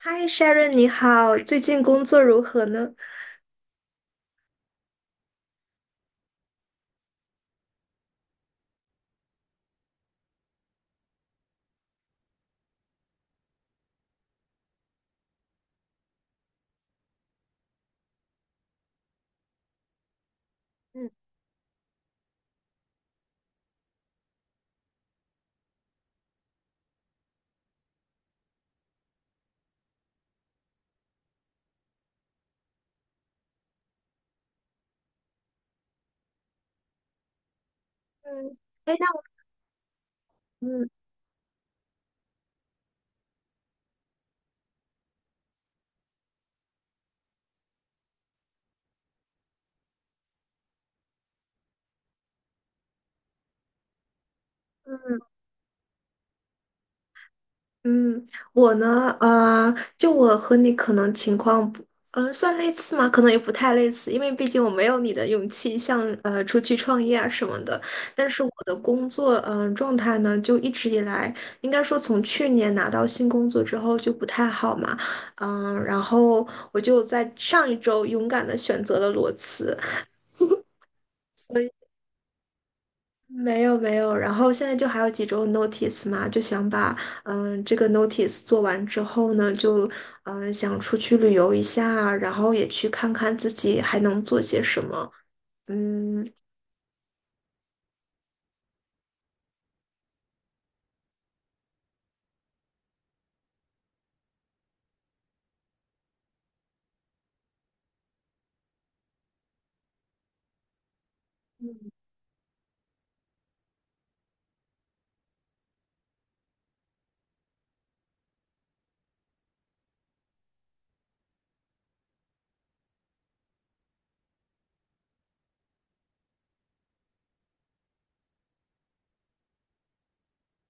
嗨，Sharon，你好，最近工作如何呢？嗯。哎，那我。嗯嗯。我呢，就我和你可能情况不，算类似吗？可能也不太类似，因为毕竟我没有你的勇气，像出去创业啊什么的。但是我的工作，状态呢，就一直以来，应该说从去年拿到新工作之后就不太好嘛。然后我就在上一周勇敢的选择了裸辞。所以。没有没有，然后现在就还有几周 notice 嘛，就想把这个 notice 做完之后呢，就想出去旅游一下，然后也去看看自己还能做些什么。嗯。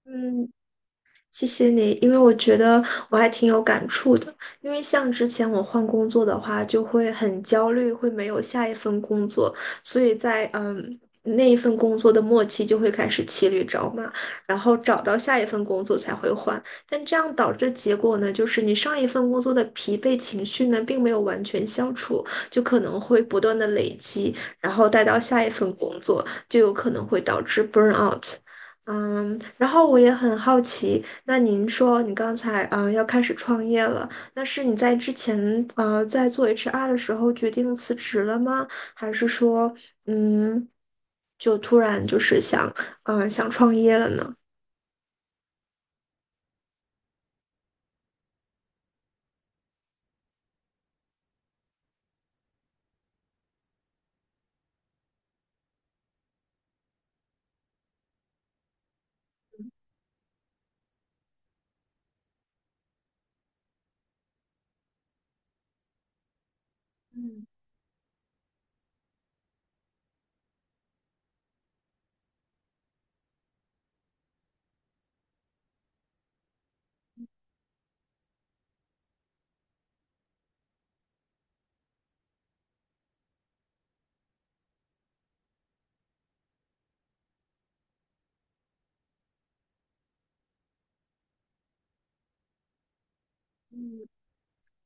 嗯，谢谢你，因为我觉得我还挺有感触的。因为像之前我换工作的话，就会很焦虑，会没有下一份工作，所以在那一份工作的末期就会开始骑驴找马，然后找到下一份工作才会换。但这样导致的结果呢，就是你上一份工作的疲惫情绪呢，并没有完全消除，就可能会不断的累积，然后带到下一份工作，就有可能会导致 burn out。嗯，然后我也很好奇，那您说你刚才啊、要开始创业了，那是你在之前在做 HR 的时候决定辞职了吗？还是说。嗯。就突然就是想想创业了呢？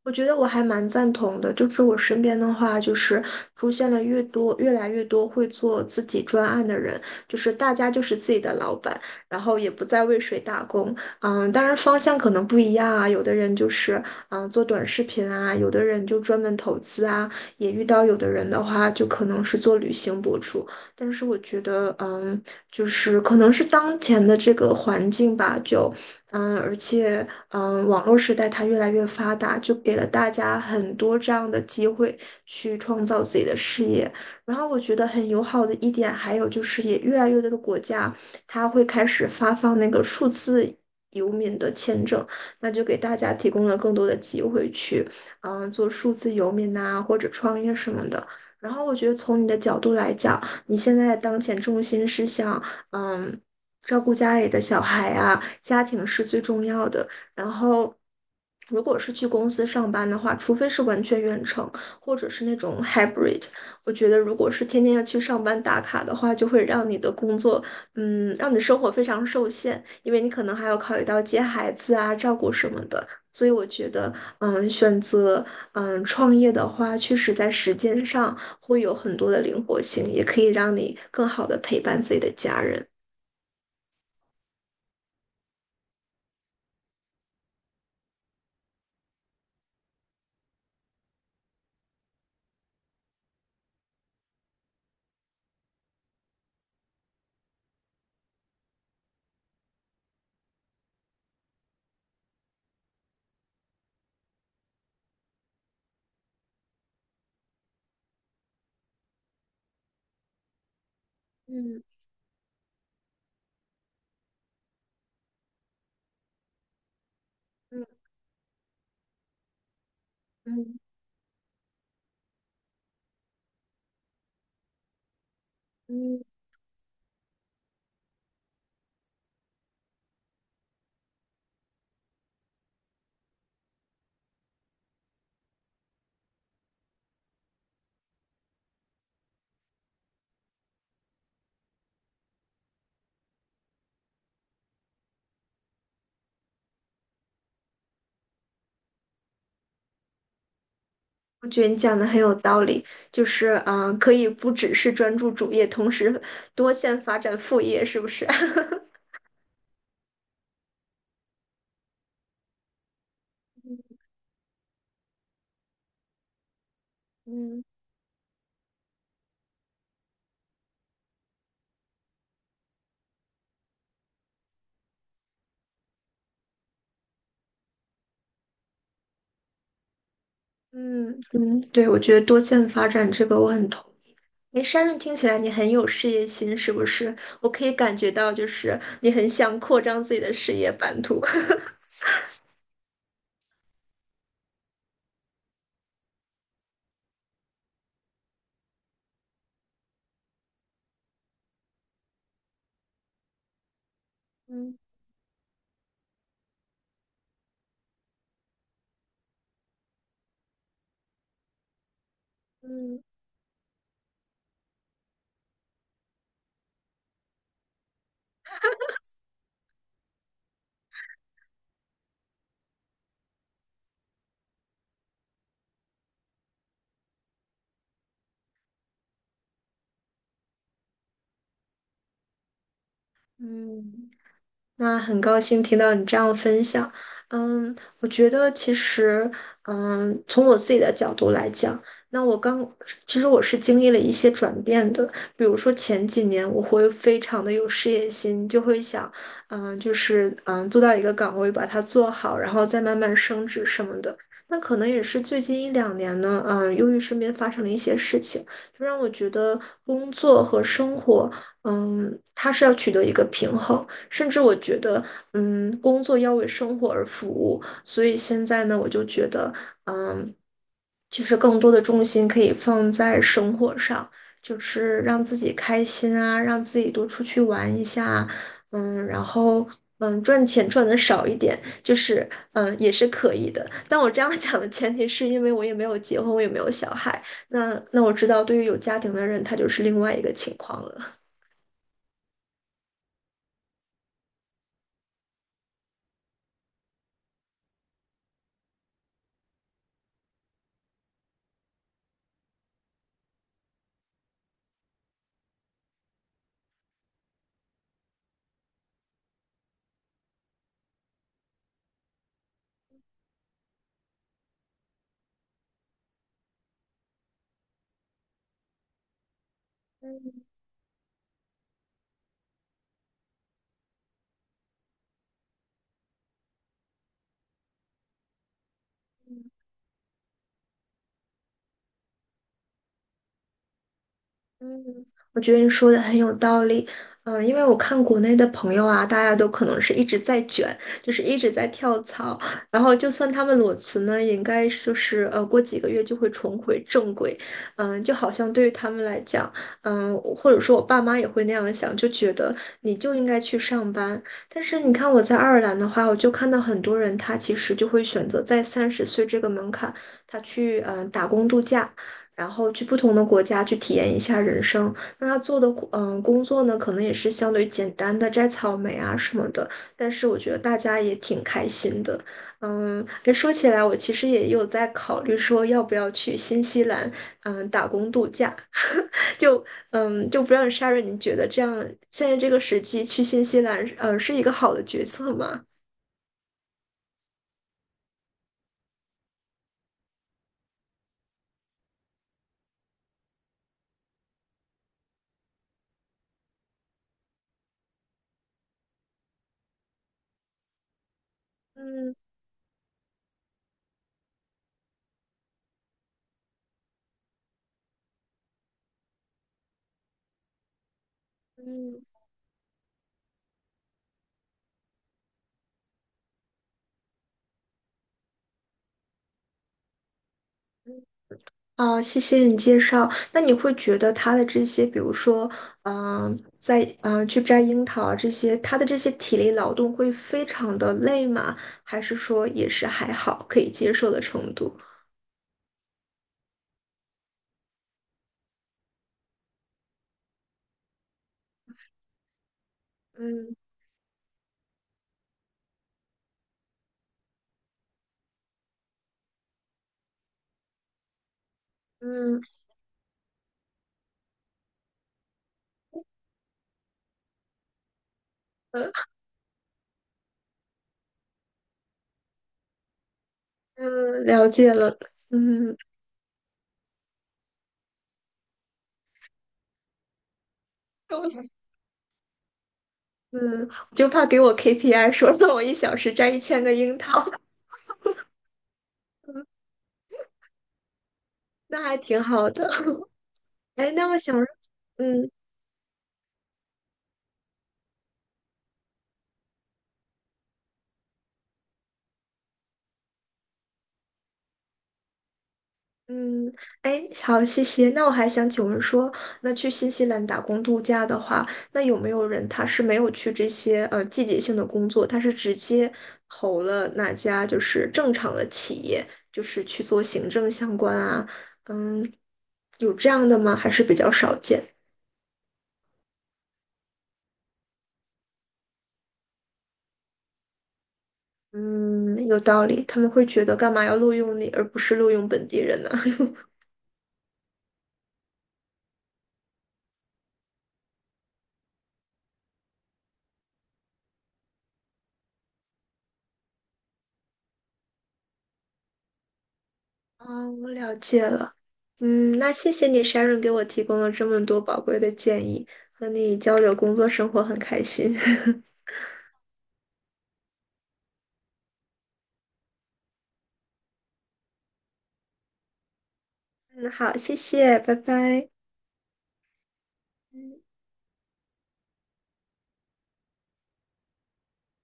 我觉得我还蛮赞同的，就是我身边的话，就是出现了越多、越来越多会做自己专案的人，就是大家就是自己的老板，然后也不再为谁打工。嗯，当然方向可能不一样啊，有的人就是做短视频啊，有的人就专门投资啊，也遇到有的人的话就可能是做旅行博主。但是我觉得，就是可能是当前的这个环境吧，就。而且。网络时代它越来越发达，就给了大家很多这样的机会去创造自己的事业。然后我觉得很友好的一点，还有就是也越来越多的国家，它会开始发放那个数字游民的签证，那就给大家提供了更多的机会去，做数字游民呐、或者创业什么的。然后我觉得从你的角度来讲，你现在当前重心是想，嗯。照顾家里的小孩啊，家庭是最重要的。然后，如果是去公司上班的话，除非是完全远程，或者是那种 hybrid，我觉得如果是天天要去上班打卡的话，就会让你的工作，让你生活非常受限，因为你可能还要考虑到接孩子啊、照顾什么的。所以我觉得，选择创业的话，确实在时间上会有很多的灵活性，也可以让你更好的陪伴自己的家人。嗯嗯嗯嗯。我觉得你讲的很有道理，就是啊、可以不只是专注主业，同时多线发展副业，是不是？嗯嗯嗯，对，我觉得多线发展这个我很同意。哎 s h 听起来你很有事业心，是不是？我可以感觉到，就是你很想扩张自己的事业版图。嗯嗯嗯。那很高兴听到你这样的分享。嗯，我觉得其实，从我自己的角度来讲，那我刚，其实我是经历了一些转变的。比如说前几年，我会非常的有事业心，就会想，就是做到一个岗位，把它做好，然后再慢慢升职什么的。那可能也是最近一两年呢，由于身边发生了一些事情，就让我觉得工作和生活，它是要取得一个平衡。甚至我觉得，工作要为生活而服务，所以现在呢，我就觉得，嗯，就是更多的重心可以放在生活上，就是让自己开心啊，让自己多出去玩一下，然后。赚钱赚的少一点，就是也是可以的。但我这样讲的前提是因为我也没有结婚，我也没有小孩。那我知道，对于有家庭的人，他就是另外一个情况了。嗯嗯，我觉得你说的很有道理。因为我看国内的朋友啊，大家都可能是一直在卷，就是一直在跳槽，然后就算他们裸辞呢，也应该是就是过几个月就会重回正轨。就好像对于他们来讲，或者说我爸妈也会那样想，就觉得你就应该去上班。但是你看我在爱尔兰的话，我就看到很多人他其实就会选择在30岁这个门槛，他去打工度假。然后去不同的国家去体验一下人生。那他做的工作呢，可能也是相对简单的摘草莓啊什么的，但是我觉得大家也挺开心的。诶说起来，我其实也有在考虑说要不要去新西兰，打工度假。就就不让道 s h a r o 你觉得这样现在这个时机去新西兰，是一个好的决策吗？嗯嗯嗯。哦，谢谢你介绍。那你会觉得他的这些，比如说，在去摘樱桃啊这些，他的这些体力劳动会非常的累吗？还是说也是还好可以接受的程度？嗯嗯。呃嗯，了解了。嗯 嗯，我就怕给我 KPI 说让我1小时摘1000个樱桃，那还挺好的。哎，那我想，嗯，嗯，哎，好，谢谢。那我还想请问说，那去新西兰打工度假的话，那有没有人他是没有去这些季节性的工作，他是直接投了哪家就是正常的企业，就是去做行政相关啊？嗯，有这样的吗？还是比较少见。嗯，有道理，他们会觉得干嘛要录用你，而不是录用本地人呢？哦，我了解了。嗯，那谢谢你，Sharon 给我提供了这么多宝贵的建议，和你交流工作生活很开心。嗯，好，谢谢，拜拜。嗯